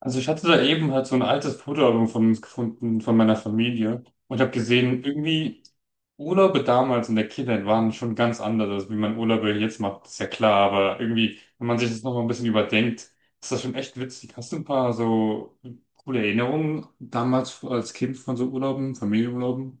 Also ich hatte da eben halt so ein altes Fotoalbum von uns gefunden, von meiner Familie. Und habe gesehen, irgendwie Urlaube damals in der Kindheit waren schon ganz anders, als wie man Urlaube jetzt macht, ist ja klar. Aber irgendwie, wenn man sich das nochmal ein bisschen überdenkt, ist das schon echt witzig. Hast du ein paar so coole Erinnerungen damals als Kind von so Urlauben, Familienurlauben?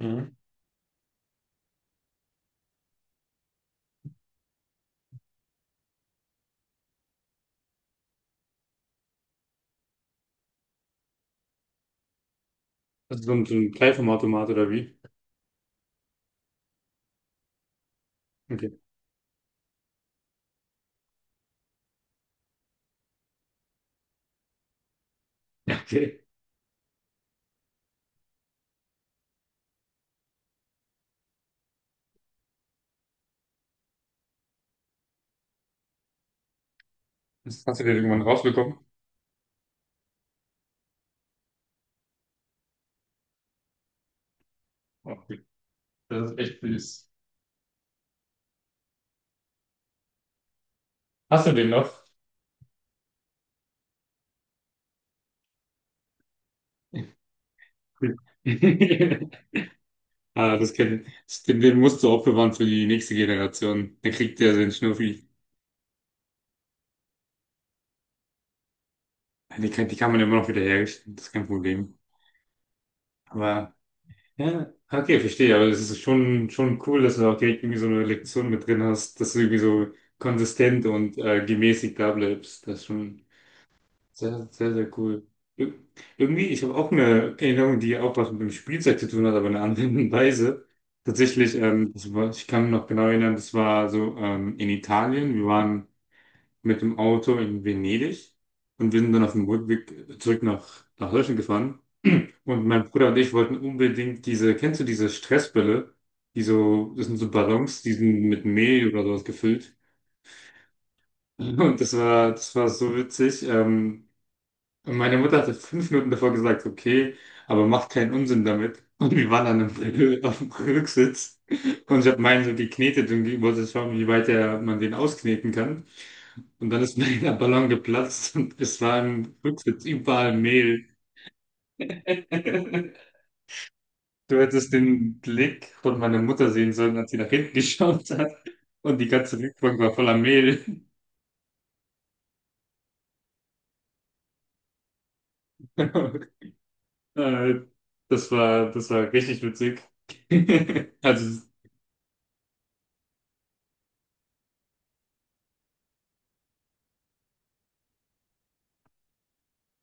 Mhm. Also so ein Kleinformatomat oder wie? Okay. Ja, okay. Das hast du dir irgendwann rausbekommen? Okay. Das ist echt süß. Hast du den noch? Ah, das kennt, das- den, den musst du aufbewahren für die nächste Generation. Dann kriegt der seinen Schnuffi. Ja, die kann man immer noch wieder herrichten, das ist kein Problem. Aber, ja, okay, verstehe. Aber es ist schon cool, dass du auch direkt irgendwie so eine Lektion mit drin hast, dass du irgendwie so konsistent und gemäßigt da bleibst. Das ist schon sehr, sehr, sehr cool. Ir- Irgendwie, ich habe auch eine Erinnerung, die auch was mit dem Spielzeug zu tun hat, aber in einer anderen Weise. Tatsächlich, das war, ich kann mich noch genau erinnern, das war so in Italien. Wir waren mit dem Auto in Venedig und wir sind dann auf dem Rückweg zurück nach Deutschland gefahren. Und mein Bruder und ich wollten unbedingt diese, kennst du diese Stressbälle? Die so, das sind so Ballons, die sind mit Mehl oder sowas gefüllt. Und das war so witzig. Und meine Mutter hatte 5 Minuten davor gesagt, okay, aber macht keinen Unsinn damit. Und wir waren dann im, auf dem Rücksitz und ich habe meinen so geknetet und wollte schauen, man den auskneten kann. Und dann ist mir der Ballon geplatzt und es war im Rücksitz überall Mehl. Du hättest den Blick von meiner Mutter sehen sollen, als sie nach hinten geschaut hat. Und die ganze Rückbank war voller Mehl. Äh, das war richtig witzig. Also,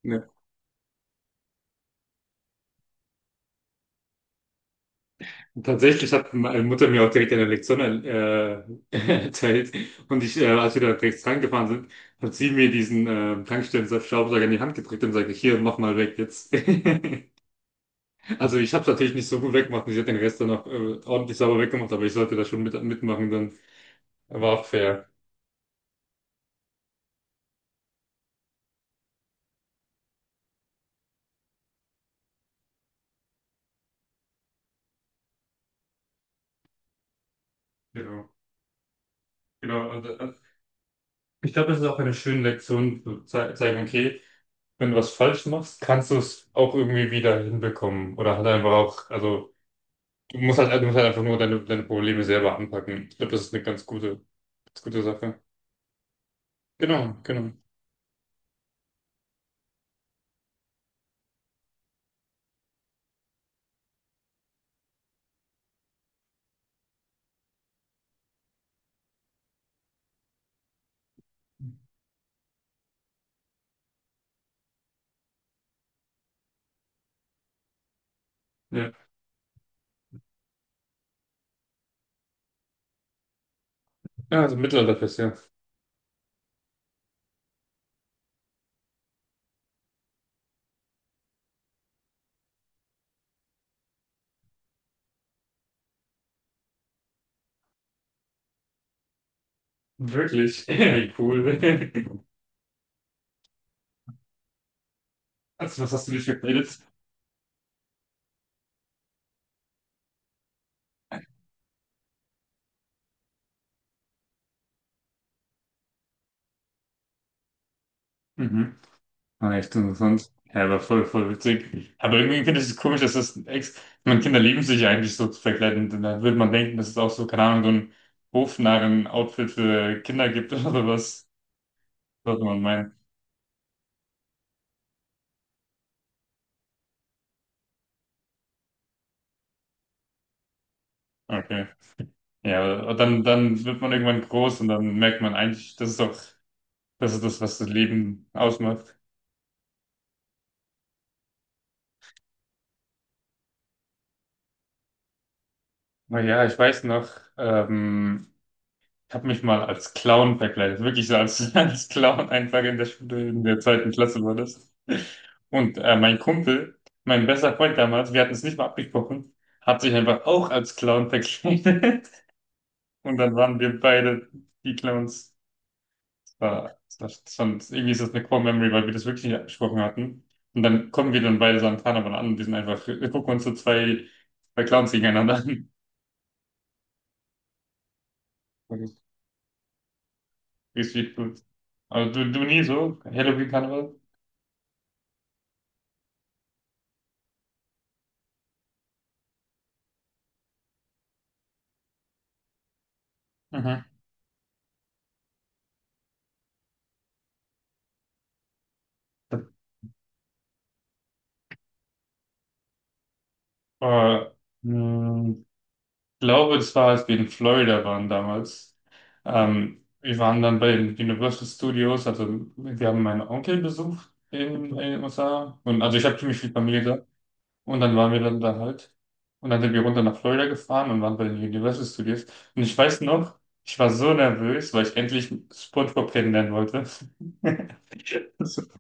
ne. Tatsächlich hat meine Mutter mir auch direkt eine Lektion erzählt. Und als wir da direkt rangefahren sind, hat sie mir diesen Tankstellen-Staubsauger in die Hand gedrückt und sagte, hier, mach mal weg jetzt. Also ich habe es natürlich nicht so gut weggemacht und sie hat den Rest dann auch ordentlich sauber weggemacht, aber ich sollte da schon mitmachen, dann war auch fair. Genau. Genau. Und, ich glaube, das ist auch eine schöne Lektion, zu zeigen, okay, wenn du was falsch machst, kannst du es auch irgendwie wieder hinbekommen. Oder halt einfach auch, also du musst halt einfach nur deine Probleme selber anpacken. Ich glaube, das ist eine ganz ganz gute Sache. Genau, genau. Ja, ja also Mittelalterfest, ja. Wirklich? Wie cool. Also, was hast du dir schon geredet? Mhm. Ah, echt interessant. Ja, aber voll, voll witzig. Aber irgendwie finde ich es komisch, dass das ex. Man, Kinder lieben sich ja eigentlich so zu verkleiden. Und dann würde man denken, dass es auch so, keine Ahnung, so ein Hofnarren-Outfit für Kinder gibt oder was. Sollte man meinen. Okay. Ja, aber dann, dann wird man irgendwann groß und dann merkt man eigentlich, das ist das, was das Leben ausmacht. Naja, ich weiß noch, ähm, ich habe mich mal als Clown verkleidet, wirklich so als Clown einfach in der Schule in der zweiten Klasse war das. Und mein Kumpel, mein bester Freund damals, wir hatten es nicht mal abgesprochen, hat sich einfach auch als Clown verkleidet. Und dann waren wir beide die Clowns. Das war schon, irgendwie ist das eine Core Memory, weil wir das wirklich nicht abgesprochen hatten. Und dann kommen wir dann beide so an Karneval an und wir sind einfach, wir gucken uns so zwei Clowns gegeneinander an. Das ist richtig gut. Aber du nie so? Halloween-Karneval? Mhm. Äh, mh, Ich glaube, das war, als wir in Florida waren damals. Wir waren dann bei den Universal Studios, also wir haben meinen Onkel besucht in den USA. Und, also ich habe ziemlich viel Familie da. Und dann waren wir dann da halt. Und dann sind wir runter nach Florida gefahren und waren bei den Universal Studios. Und ich weiß noch, ich war so nervös, weil ich endlich SpongeBob kennenlernen wollte.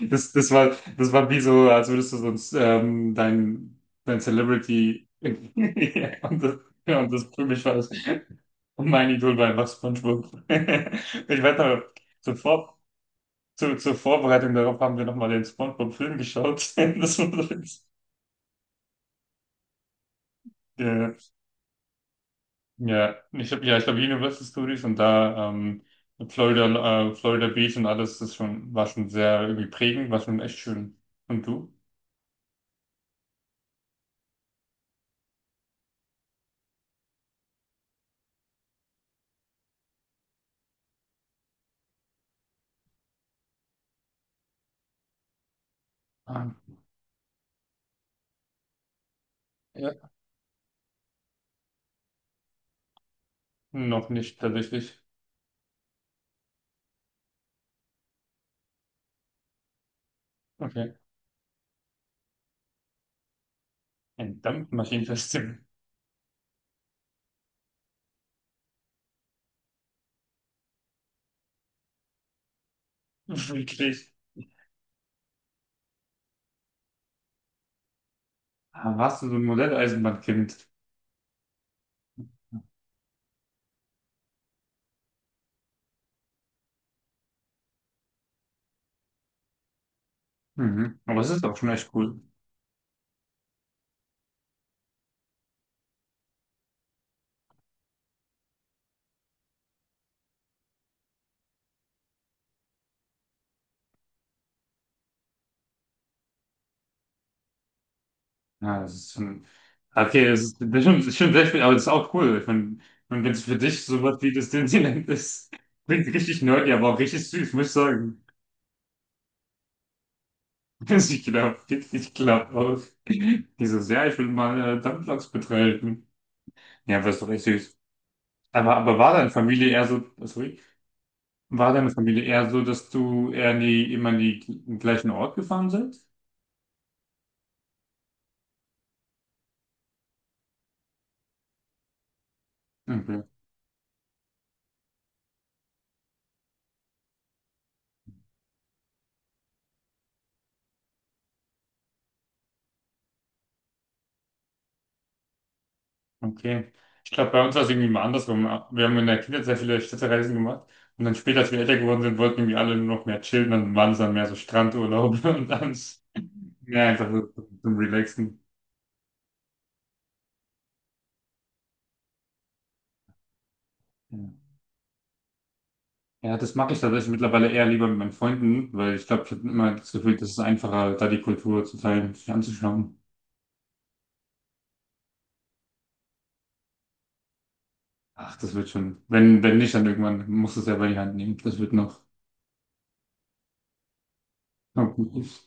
Das, das war wie so, als würdest du sonst dein Celebrity ja, und ja, und das für mich war das. Und mein Idol war einfach SpongeBob. Ich weiß aber, zur, Vor zur, zur Vorbereitung darauf haben wir nochmal den SpongeBob-Film geschaut. Das war so witzig. Ja, ja, ich habe ja, ich glaube Universal Studios und da Florida, Florida Beach und alles, das schon, war schon sehr irgendwie prägend, war schon echt schön. Und du? Ah, ja, noch nicht tatsächlich. Okay. Ein Dampfmaschinensystem Wirklich. Ah, warst du so ein Modelleisenbahnkind? Mhm. Aber es ist auch schon echt cool. Ja, das ist schon. Okay, es ist, das ist schon sehr viel, aber das ist auch cool. Ich meine, und wenn es für dich sowas wie das Disneyland ist, klingt richtig nerdy, aber auch richtig süß, muss ich sagen. Ich glaube auch. Dieses, ja, ich will mal Dampfloks betreiben. Ja, aber ist doch echt süß. Aber, aber war deine Familie eher so, sorry, War deine Familie eher so, dass du eher in immer in die, den gleichen Ort gefahren seid? Okay. Okay. Ich glaube, bei uns war es irgendwie mal andersrum. Wir haben in der Kindheit sehr viele Städtereisen gemacht und dann später, als wir älter geworden sind, wollten irgendwie alle nur noch mehr chillen, dann waren es dann mehr so Strandurlaube und dann mehr einfach so zum Relaxen. Ja, ja, das mag ich tatsächlich mittlerweile eher lieber mit meinen Freunden, weil ich glaube, ich habe immer das Gefühl, das ist einfacher, da die Kultur zu teilen, sich anzuschauen. Ach, das wird schon. Wenn, wenn nicht, dann irgendwann musst du es selber in die Hand nehmen. Das wird noch. Na gut.